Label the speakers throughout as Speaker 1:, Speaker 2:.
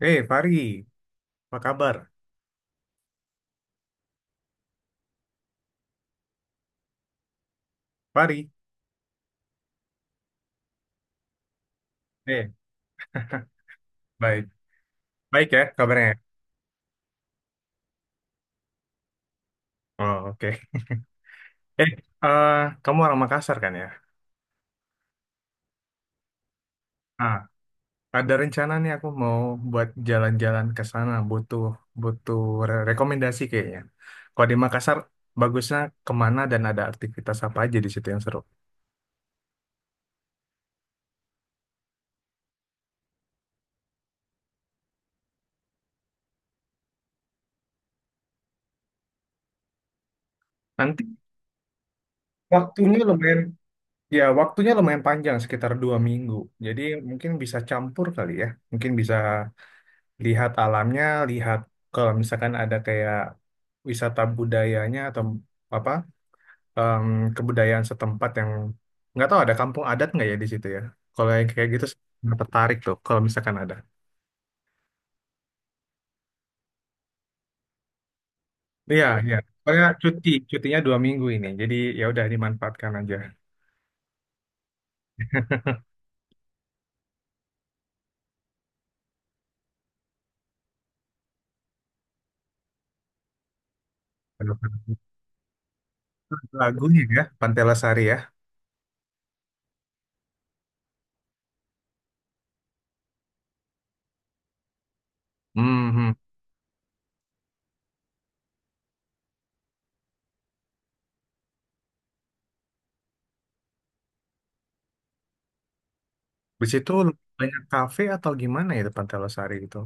Speaker 1: Fari, apa kabar? Fari, eh, baik. Baik ya kabarnya. Ya? Oh, oke. Eh, eh, kamu orang Makassar kan ya? Ah, ada rencana nih aku mau buat jalan-jalan ke sana, butuh butuh re- rekomendasi kayaknya. Kalau di Makassar, bagusnya kemana dan ada aktivitas apa aja di situ yang seru? Nanti waktunya lumayan, ya waktunya lumayan panjang, sekitar 2 minggu. Jadi mungkin bisa campur kali ya, mungkin bisa lihat alamnya, lihat kalau misalkan ada kayak wisata budayanya atau apa em, kebudayaan setempat yang nggak tahu ada kampung adat nggak ya di situ ya. Kalau yang kayak gitu saya nggak tertarik tuh kalau misalkan ada. Iya, iya. Pokoknya cutinya 2 minggu ini. Jadi ya udah dimanfaatkan aja. Lagunya ya, Pantai Losari ya. Hmm, hmm. Di situ banyak kafe atau gimana ya di Pantai Losari itu?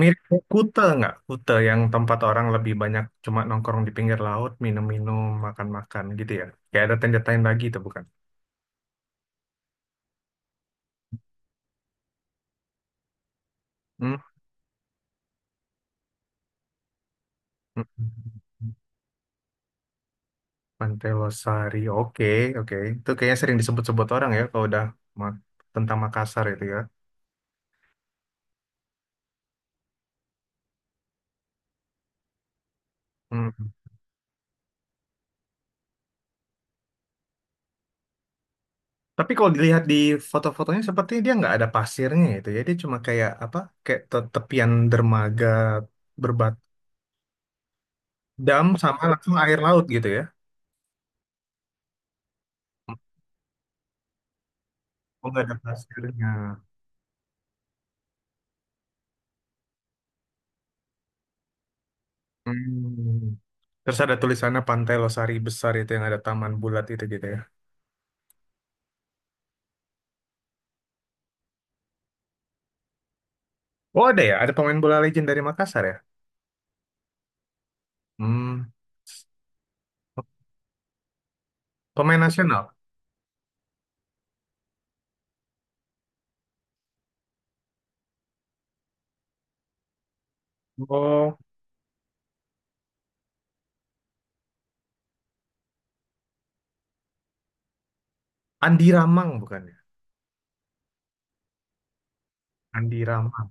Speaker 1: Mirip kayak Kuta nggak? Kuta yang tempat orang lebih banyak cuma nongkrong di pinggir laut, minum-minum, makan-makan gitu ya. Kayak ada tenda-tenda itu bukan? Hmm? Hmm, hmm. Hmm. Pantai Losari, oke, oke. Itu kayaknya sering disebut-sebut orang ya kalau udah ma- tentang Makassar itu ya. Hmm. Hmm. Tapi kalau dilihat di foto-fotonya sepertinya dia nggak ada pasirnya itu ya. Dia cuma kayak apa? Kayak tepian dermaga berbat dam sama langsung air laut gitu ya. Oh, nggak ada pasirnya. Hmm. Terus ada tulisannya Pantai Losari besar itu yang ada taman bulat itu gitu ya. Oh ada ya, ada pemain bola legend dari Makassar ya. Hmm. Pemain nasional. Oh, Andi Ramang bukan ya? Andi Ramang.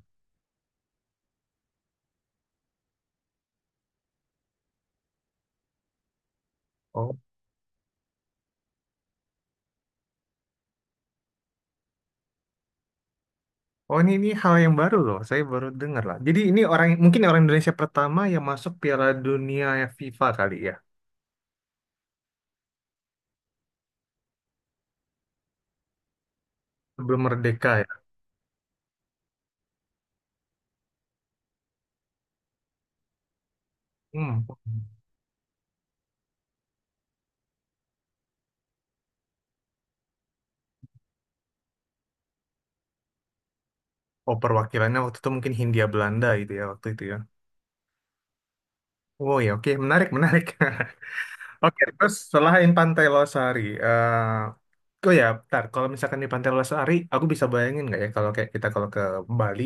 Speaker 1: Oh, oh ini hal yang baru loh. Saya baru dengar lah. Jadi ini orang mungkin orang Indonesia pertama yang masuk Piala Dunia FIFA kali ya. Sebelum merdeka ya. Hmm. Oh, perwakilannya waktu itu mungkin Hindia Belanda gitu ya waktu itu ya. Oh ya, oke, menarik, menarik. Oke, terus selain Pantai Losari, oh ya, bentar. Kalau misalkan di Pantai Losari, aku bisa bayangin nggak ya kalau kayak kita kalau ke Bali,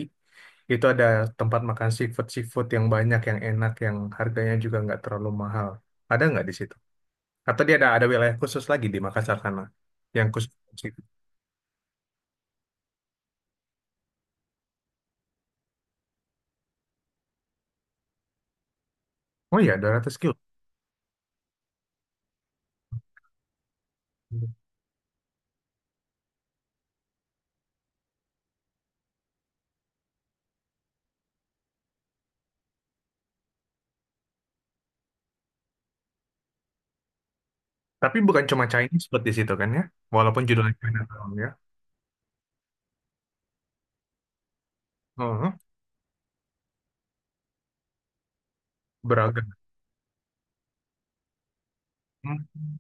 Speaker 1: itu ada tempat makan seafood-seafood yang banyak, yang enak, yang harganya juga nggak terlalu mahal. Ada nggak di situ? Atau dia ada wilayah khusus lagi di Makassar sana yang khusus seafood? Oh iya, 200 kilo. Tapi bukan cuma Chinese food di situ kan ya? Walaupun judulnya Chinatown ya. Oh, beragam. Hmm.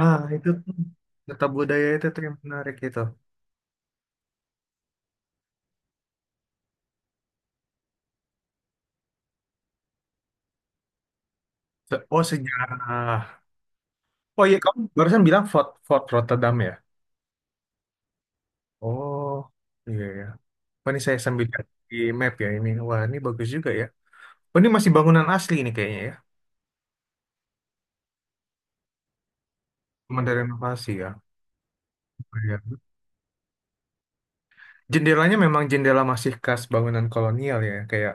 Speaker 1: Ah, itu tuh. Tetap budaya itu tuh yang menarik itu. Oh sejarah. Oh iya kamu barusan bilang Fort Fort Rotterdam ya. Oh iya ya. Oh, ini saya sambil lihat di map ya ini. Wah ini bagus juga ya. Oh ini masih bangunan asli ini kayaknya ya. Cuma dari renovasi ya. Oh, iya. Jendelanya memang jendela masih khas bangunan kolonial ya. Kayak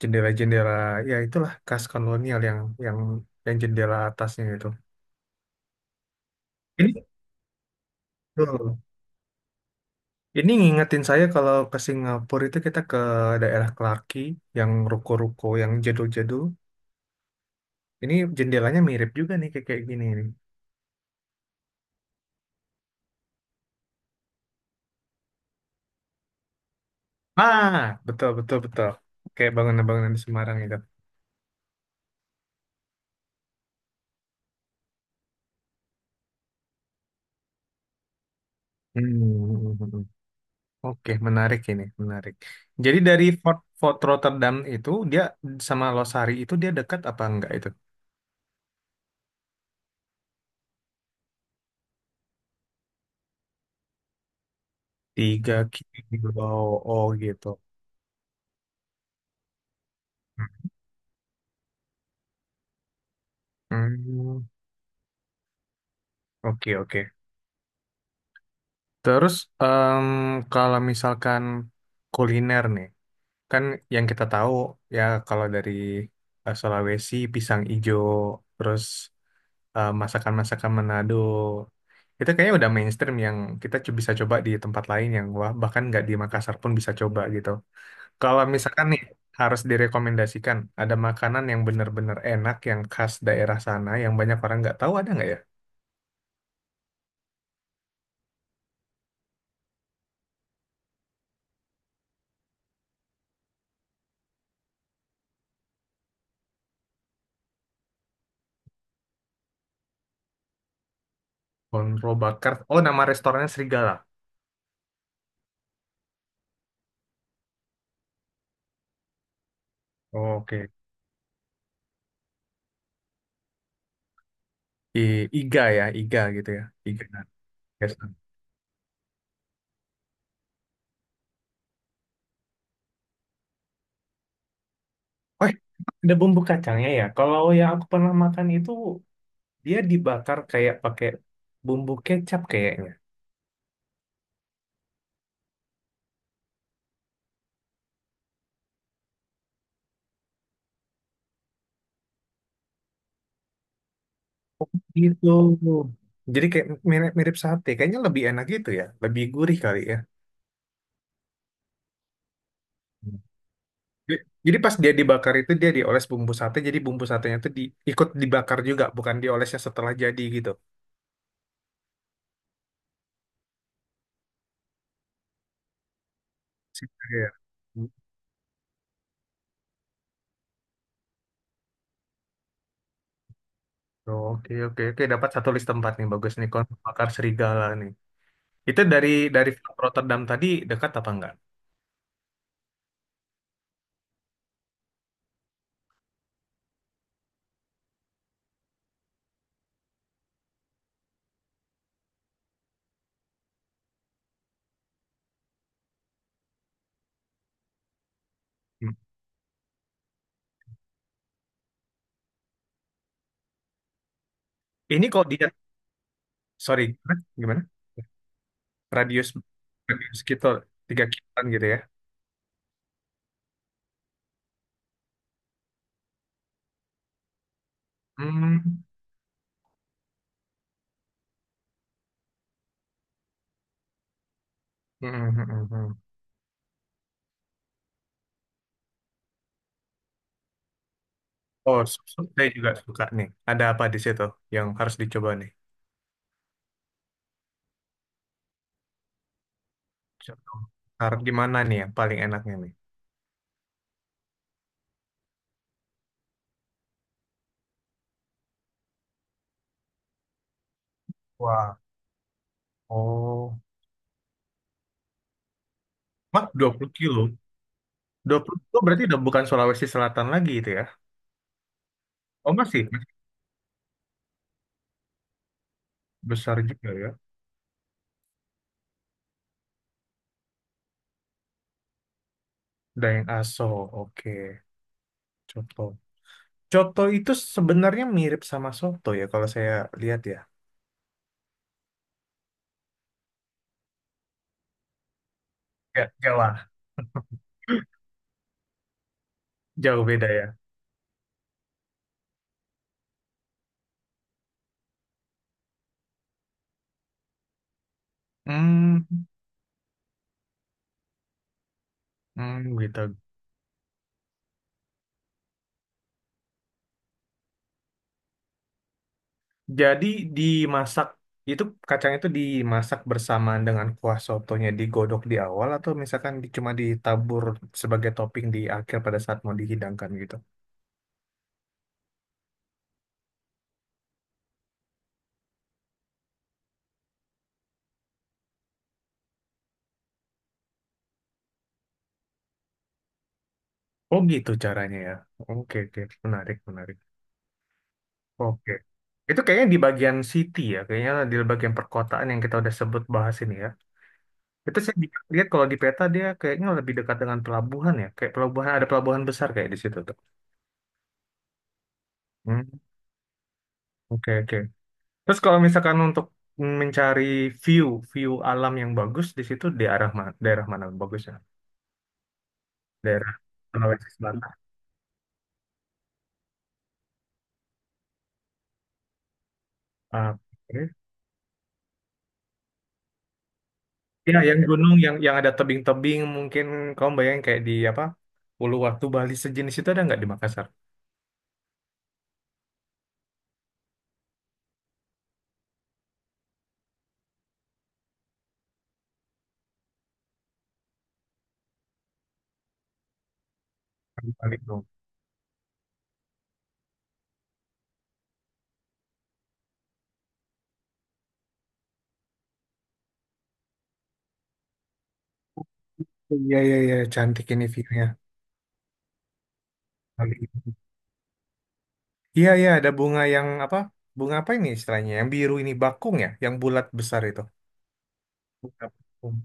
Speaker 1: jendela-jendela ya itulah khas kolonial yang yang jendela atasnya itu. Ini betul. Ini ngingetin saya kalau ke Singapura itu kita ke daerah Clarke Quay yang ruko-ruko yang jadul-jadul. Ini jendelanya mirip juga nih kayak kayak gini nih. Ah, betul betul betul. Kayak bangunan-bangunan di Semarang itu. Hmm. Hmm, hmm, hmm, hmm, hmm. Oke, menarik ini, menarik. Jadi dari Fort Rotterdam itu dia sama Losari itu dia dekat apa enggak itu? 3 kilo, oh gitu. Hmm. Oke oke. Terus em, kalau misalkan kuliner nih, kan yang kita tahu ya kalau dari Sulawesi pisang ijo, terus masakan-masakan Manado itu kayaknya udah mainstream yang kita bisa coba di tempat lain yang wah bahkan nggak di Makassar pun bisa coba gitu. Kalau misalkan nih harus direkomendasikan ada makanan yang benar-benar enak yang khas daerah sana yang banyak orang nggak tahu ada nggak ya? Konro Bakar. Oh nama restorannya Serigala. Oke. Iga ya, Iga gitu ya. Iga. Yes. Wah, ada bumbu kacangnya ya. Kalau yang aku pernah makan itu dia dibakar kayak pakai bumbu kecap kayaknya. Gitu. Jadi kayak mirip, mirip sate, kayaknya lebih enak gitu ya, lebih gurih kali ya. Hmm. Jadi jadi pas dia dibakar itu dia dioles bumbu sate, jadi bumbu satenya itu ikut dibakar juga, bukan diolesnya setelah jadi gitu. Si- Iya. Hmm. Oke oke oke dapat satu list tempat nih bagus nih kon bakar serigala nih. Itu dari Fort Rotterdam tadi dekat apa enggak? Hmm. Ini kok dia sorry gimana? Gimana? Radius radius sekitar 3 kiloan gitu ya. Hmm. Hmm, hmm, hmm, hmm. Oh, susu saya juga suka nih. Ada apa di situ yang harus dicoba nih? Contoh, harus gimana nih yang paling enaknya nih? Wah, oh. Mah, 20 kilo? 20 kilo berarti udah bukan Sulawesi Selatan lagi itu ya? Oh, masih? Masih besar juga ya? Dayeng Aso, oke. Coto. Coto itu sebenarnya mirip sama soto ya kalau saya lihat ya. Ya, jauh lah. Jauh beda ya. Hmm, hmm, gitu. Jadi dimasak itu kacang itu dimasak bersamaan dengan kuah sotonya digodok di awal atau misalkan cuma ditabur sebagai topping di akhir pada saat mau dihidangkan gitu. Oh gitu caranya ya. Oke oke menarik menarik. Oke. Itu kayaknya di bagian city ya, kayaknya di bagian perkotaan yang kita udah sebut bahas ini ya. Itu saya lihat kalau di peta dia kayaknya lebih dekat dengan pelabuhan ya, kayak pelabuhan ada pelabuhan besar kayak di situ tuh. Hmm. Oke oke. Terus kalau misalkan untuk mencari view view alam yang bagus di situ di arah mana daerah mana bagusnya? Daerah Sulawesi Selatan. Ah, oke. Ya, yang gunung yang ada tebing-tebing mungkin kamu bayangin kayak di apa? Uluwatu Bali sejenis itu ada nggak di Makassar? Bali tuh. Iya iya iya cantik ini view-nya. Bali itu. Iya iya ada bunga yang apa? Bunga apa ini istilahnya? Yang biru ini bakung ya, yang bulat besar itu. Bunga bakung.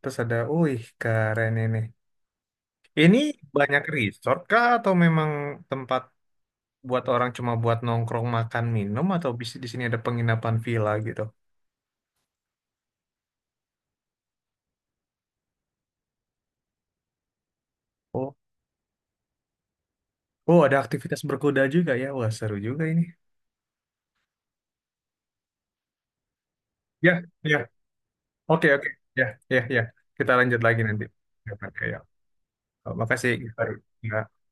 Speaker 1: Terus ada, wih keren ini. Ini banyak resort kah atau memang tempat buat orang cuma buat nongkrong makan minum atau di sini ada penginapan villa gitu? Oh, oh ada aktivitas berkuda juga ya. Wah, seru juga ini. Ya, ya. Oke, oke. Ya, ya, ya. Kita lanjut lagi nanti. Ya, Pak. Ya. Ya. Oh, makasih. Givari. Ya.